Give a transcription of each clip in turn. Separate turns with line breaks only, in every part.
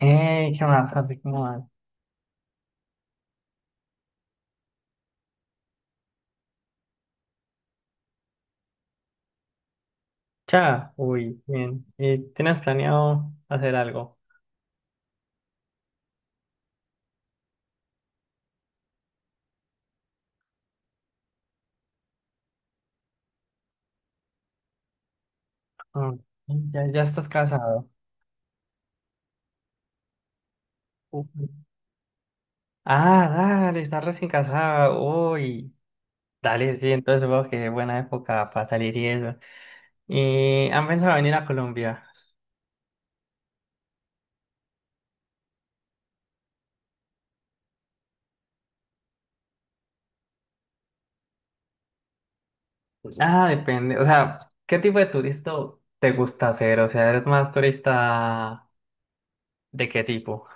¿Qué más? Así como más. Ya, uy, bien. ¿Y tienes planeado hacer algo? Ah, ya, ya estás casado. Ujú. Ah, dale, estás recién casada. Uy, dale, sí, entonces supongo que buena época para salir y eso. ¿Y han pensado venir a Colombia? Ah, depende. O sea, ¿qué tipo de turista te gusta hacer? O sea, ¿eres más turista de qué tipo?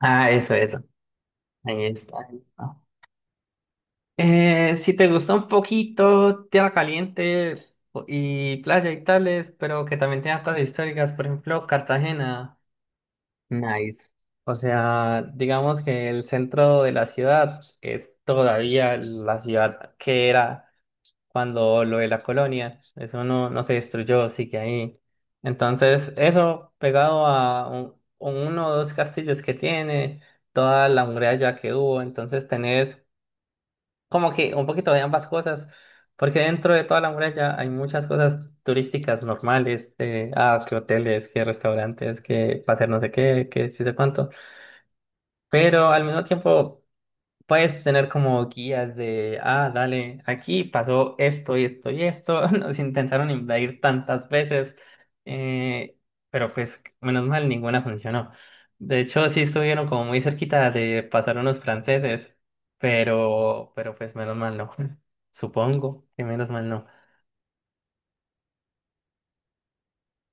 Ah, eso, eso. Ahí está. Si te gusta un poquito tierra caliente y playa y tales, pero que también tenga cosas históricas, por ejemplo, Cartagena, nice. O sea, digamos que el centro de la ciudad es todavía la ciudad que era cuando lo de la colonia, eso no, no se destruyó, sigue ahí. Entonces, eso pegado a uno o dos castillos que tiene, toda la muralla que hubo, entonces tenés como que un poquito de ambas cosas, porque dentro de toda la muralla hay muchas cosas turísticas normales, que hoteles, que restaurantes, que hacer no sé qué, que sí sé cuánto, pero al mismo tiempo... Puedes tener como guías de, ah, dale, aquí pasó esto y esto y esto, nos intentaron invadir tantas veces, eh, pero pues menos mal ninguna funcionó. De hecho, sí estuvieron como muy cerquita de pasar unos franceses, pero, pues menos mal no. Supongo que menos mal no.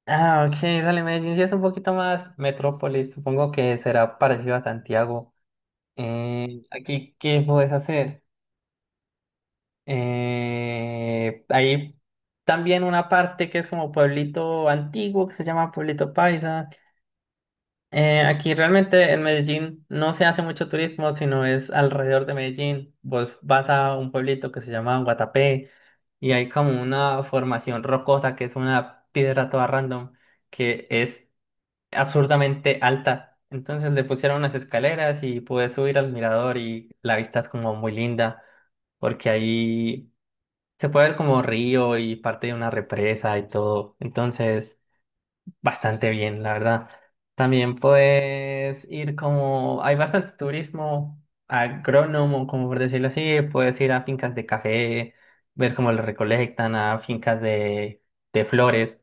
Ah, ok, dale, Medellín sí es un poquito más metrópolis, supongo que será parecido a Santiago. Aquí, ¿qué puedes hacer? Hay también una parte que es como pueblito antiguo, que se llama Pueblito Paisa. Aquí realmente en Medellín no se hace mucho turismo, sino es alrededor de Medellín. Vos vas a un pueblito que se llama Guatapé y hay como una formación rocosa que es una piedra toda random que es absurdamente alta. Entonces le pusieron unas escaleras y pude subir al mirador y la vista es como muy linda porque ahí se puede ver como río y parte de una represa y todo. Entonces, bastante bien, la verdad. También puedes ir como, hay bastante turismo agrónomo, como por decirlo así. Puedes ir a fincas de café, ver cómo lo recolectan, a fincas de flores,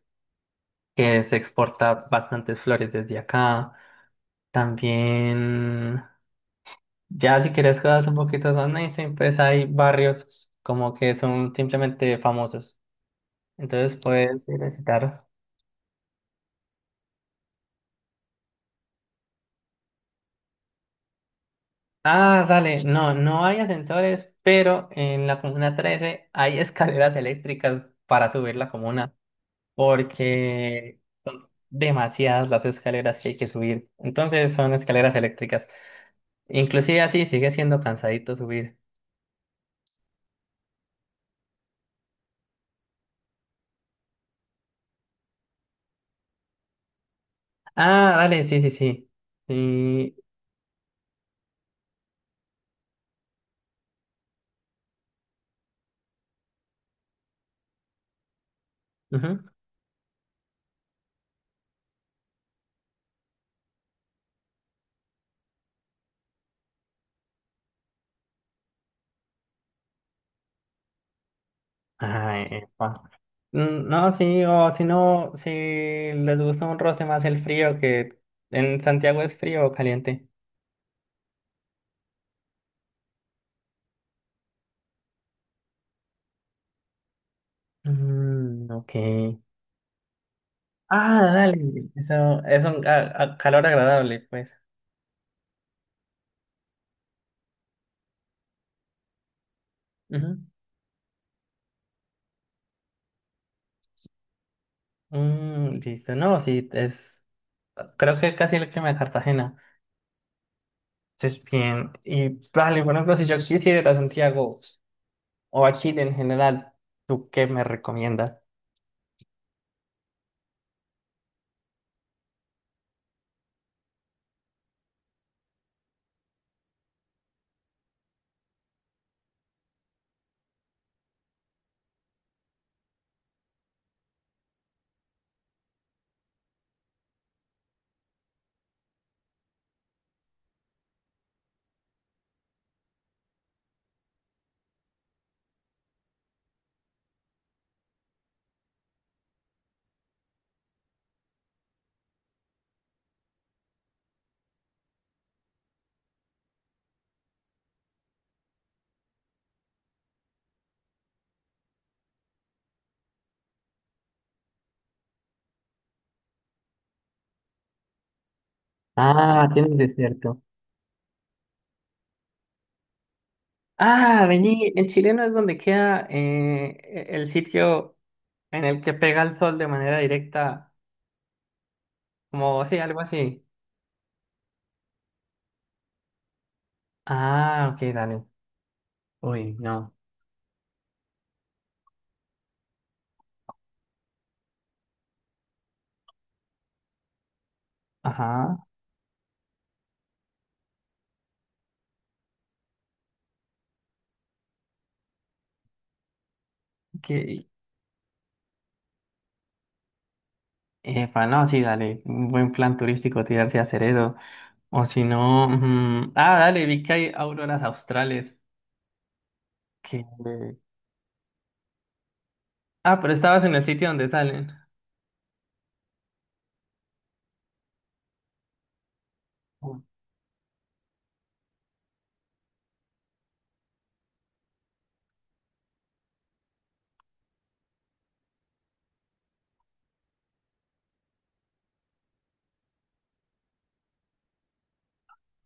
que se exporta bastantes flores desde acá. También, ya si quieres cosas un poquito más mainstream, pues hay barrios como que son simplemente famosos. Entonces puedes ir a visitar. Ah, dale, no, no hay ascensores, pero en la comuna 13 hay escaleras eléctricas para subir la comuna, porque son demasiadas las escaleras que hay que subir. Entonces son escaleras eléctricas. Inclusive así sigue siendo cansadito subir. Ah, dale, sí, sí, sí. Sí. Ujú. Ay, epa. Mm, no, sí, o si no, si les gusta un roce más el frío, que en Santiago es frío o caliente. Mm, ok. Ah, dale. Eso es un calor agradable, pues. Ujú. Mm, listo. No, sí, es. Creo que es casi lo que me da Cartagena. Es bien. Y dale, por ejemplo, si yo quisiera ir a Santiago o a Chile en general, ¿tú qué me recomiendas? Ah, tienes desierto. Ah, vení, en Chile no es donde queda el sitio en el que pega el sol de manera directa, como sí, algo así. Ah, ok, dale. Uy, no. Ajá, que, epa, no, sí, dale, un buen plan turístico tirarse a Ceredo, o si no, mm, ah, dale, vi que hay auroras australes, que, ah, pero estabas en el sitio donde salen,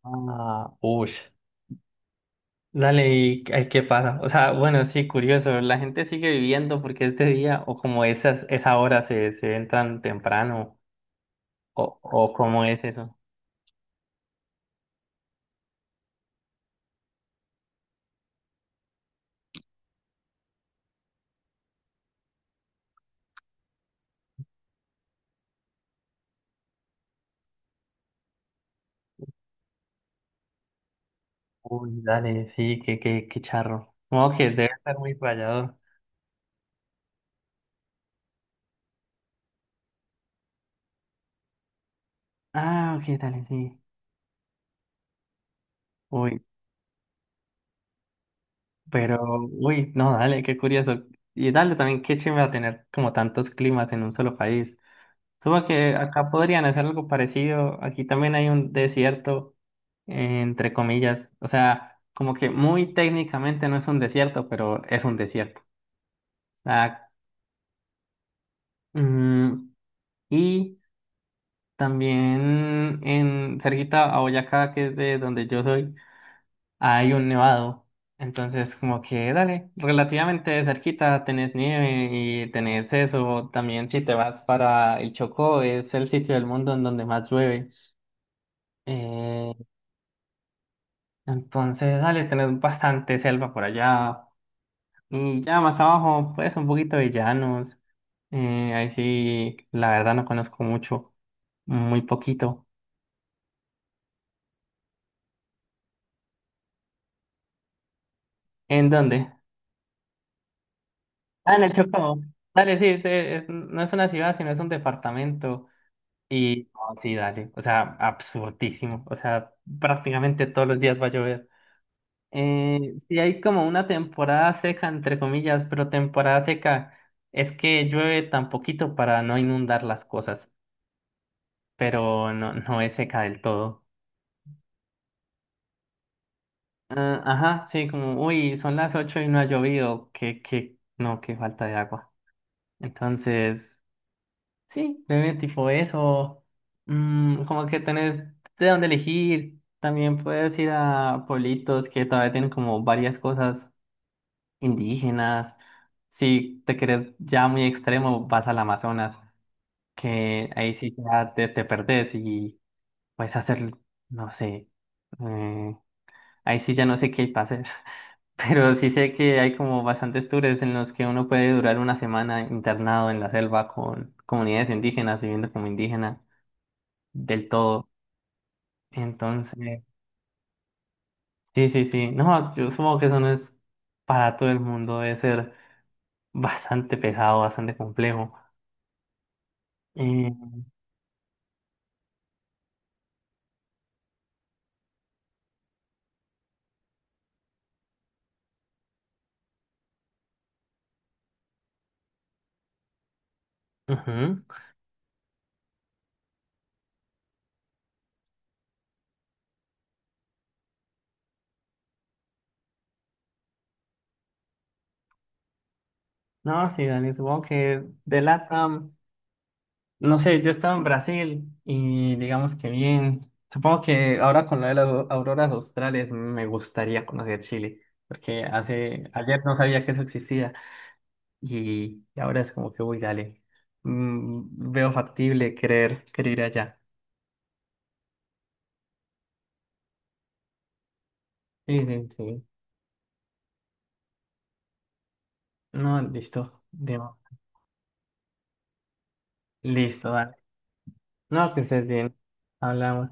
ah, ush, dale, y ay, qué pasa, o sea, bueno, sí, curioso, la gente sigue viviendo porque este día, o como esas, esa hora se, se entran temprano, o cómo es eso, uy, dale, sí, qué, qué, qué charro, como que debe estar muy fallado. Ah, ok, dale, sí. Uy, pero, uy, no, dale, qué curioso. Y dale también, qué chévere va a tener como tantos climas en un solo país. Supongo que acá podrían hacer algo parecido. Aquí también hay un desierto, entre comillas. O sea, como que muy técnicamente no es un desierto, pero es un desierto. O sea, mm, y también en cerquita a Boyacá, que es de donde yo soy. Hay un nevado. Entonces, como que dale, relativamente cerquita tenés nieve y tenés eso. También si te vas para el Chocó, es el sitio del mundo en donde más llueve. Eh, entonces, dale, tenés bastante selva por allá. Y ya más abajo, pues un poquito de llanos. Ahí sí, la verdad no conozco mucho, muy poquito. ¿En dónde? Ah, en el Chocó. Dale, sí, no es una ciudad, sino es un departamento. Y oh, sí, dale, o sea, absurdísimo, o sea, prácticamente todos los días va a llover. Sí hay como una temporada seca, entre comillas, pero temporada seca es que llueve tan poquito para no inundar las cosas, pero no, no es seca del todo. Ah, ajá, sí, como, uy, son las 8 y no ha llovido, que, no, qué falta de agua. Entonces... Sí, tenés tipo eso, mm, como que tenés de dónde elegir. También puedes ir a pueblitos que todavía tienen como varias cosas indígenas. Si te querés ya muy extremo, vas al Amazonas, que ahí sí ya te perdés y puedes hacer, no sé, eh, ahí sí ya no sé qué hay para hacer. Pero sí sé que hay como bastantes tours en los que uno puede durar una semana internado en la selva con comunidades indígenas, viviendo como indígena del todo. Entonces, sí, sí, sí. No, yo supongo que eso no es para todo el mundo, debe ser bastante pesado, bastante complejo. Eh, ujú. No, sí, Dani, supongo que de LATAM, no sé, yo estaba en Brasil y digamos que bien. Supongo que ahora con lo de las auroras australes me gustaría conocer Chile, porque hace, ayer no sabía que eso existía y ahora es como que, uy, dale, mm, veo factible querer, querer ir allá. Sí, sí, sí. No, listo. Demo. Listo, dale. No, que estés bien. Hablamos.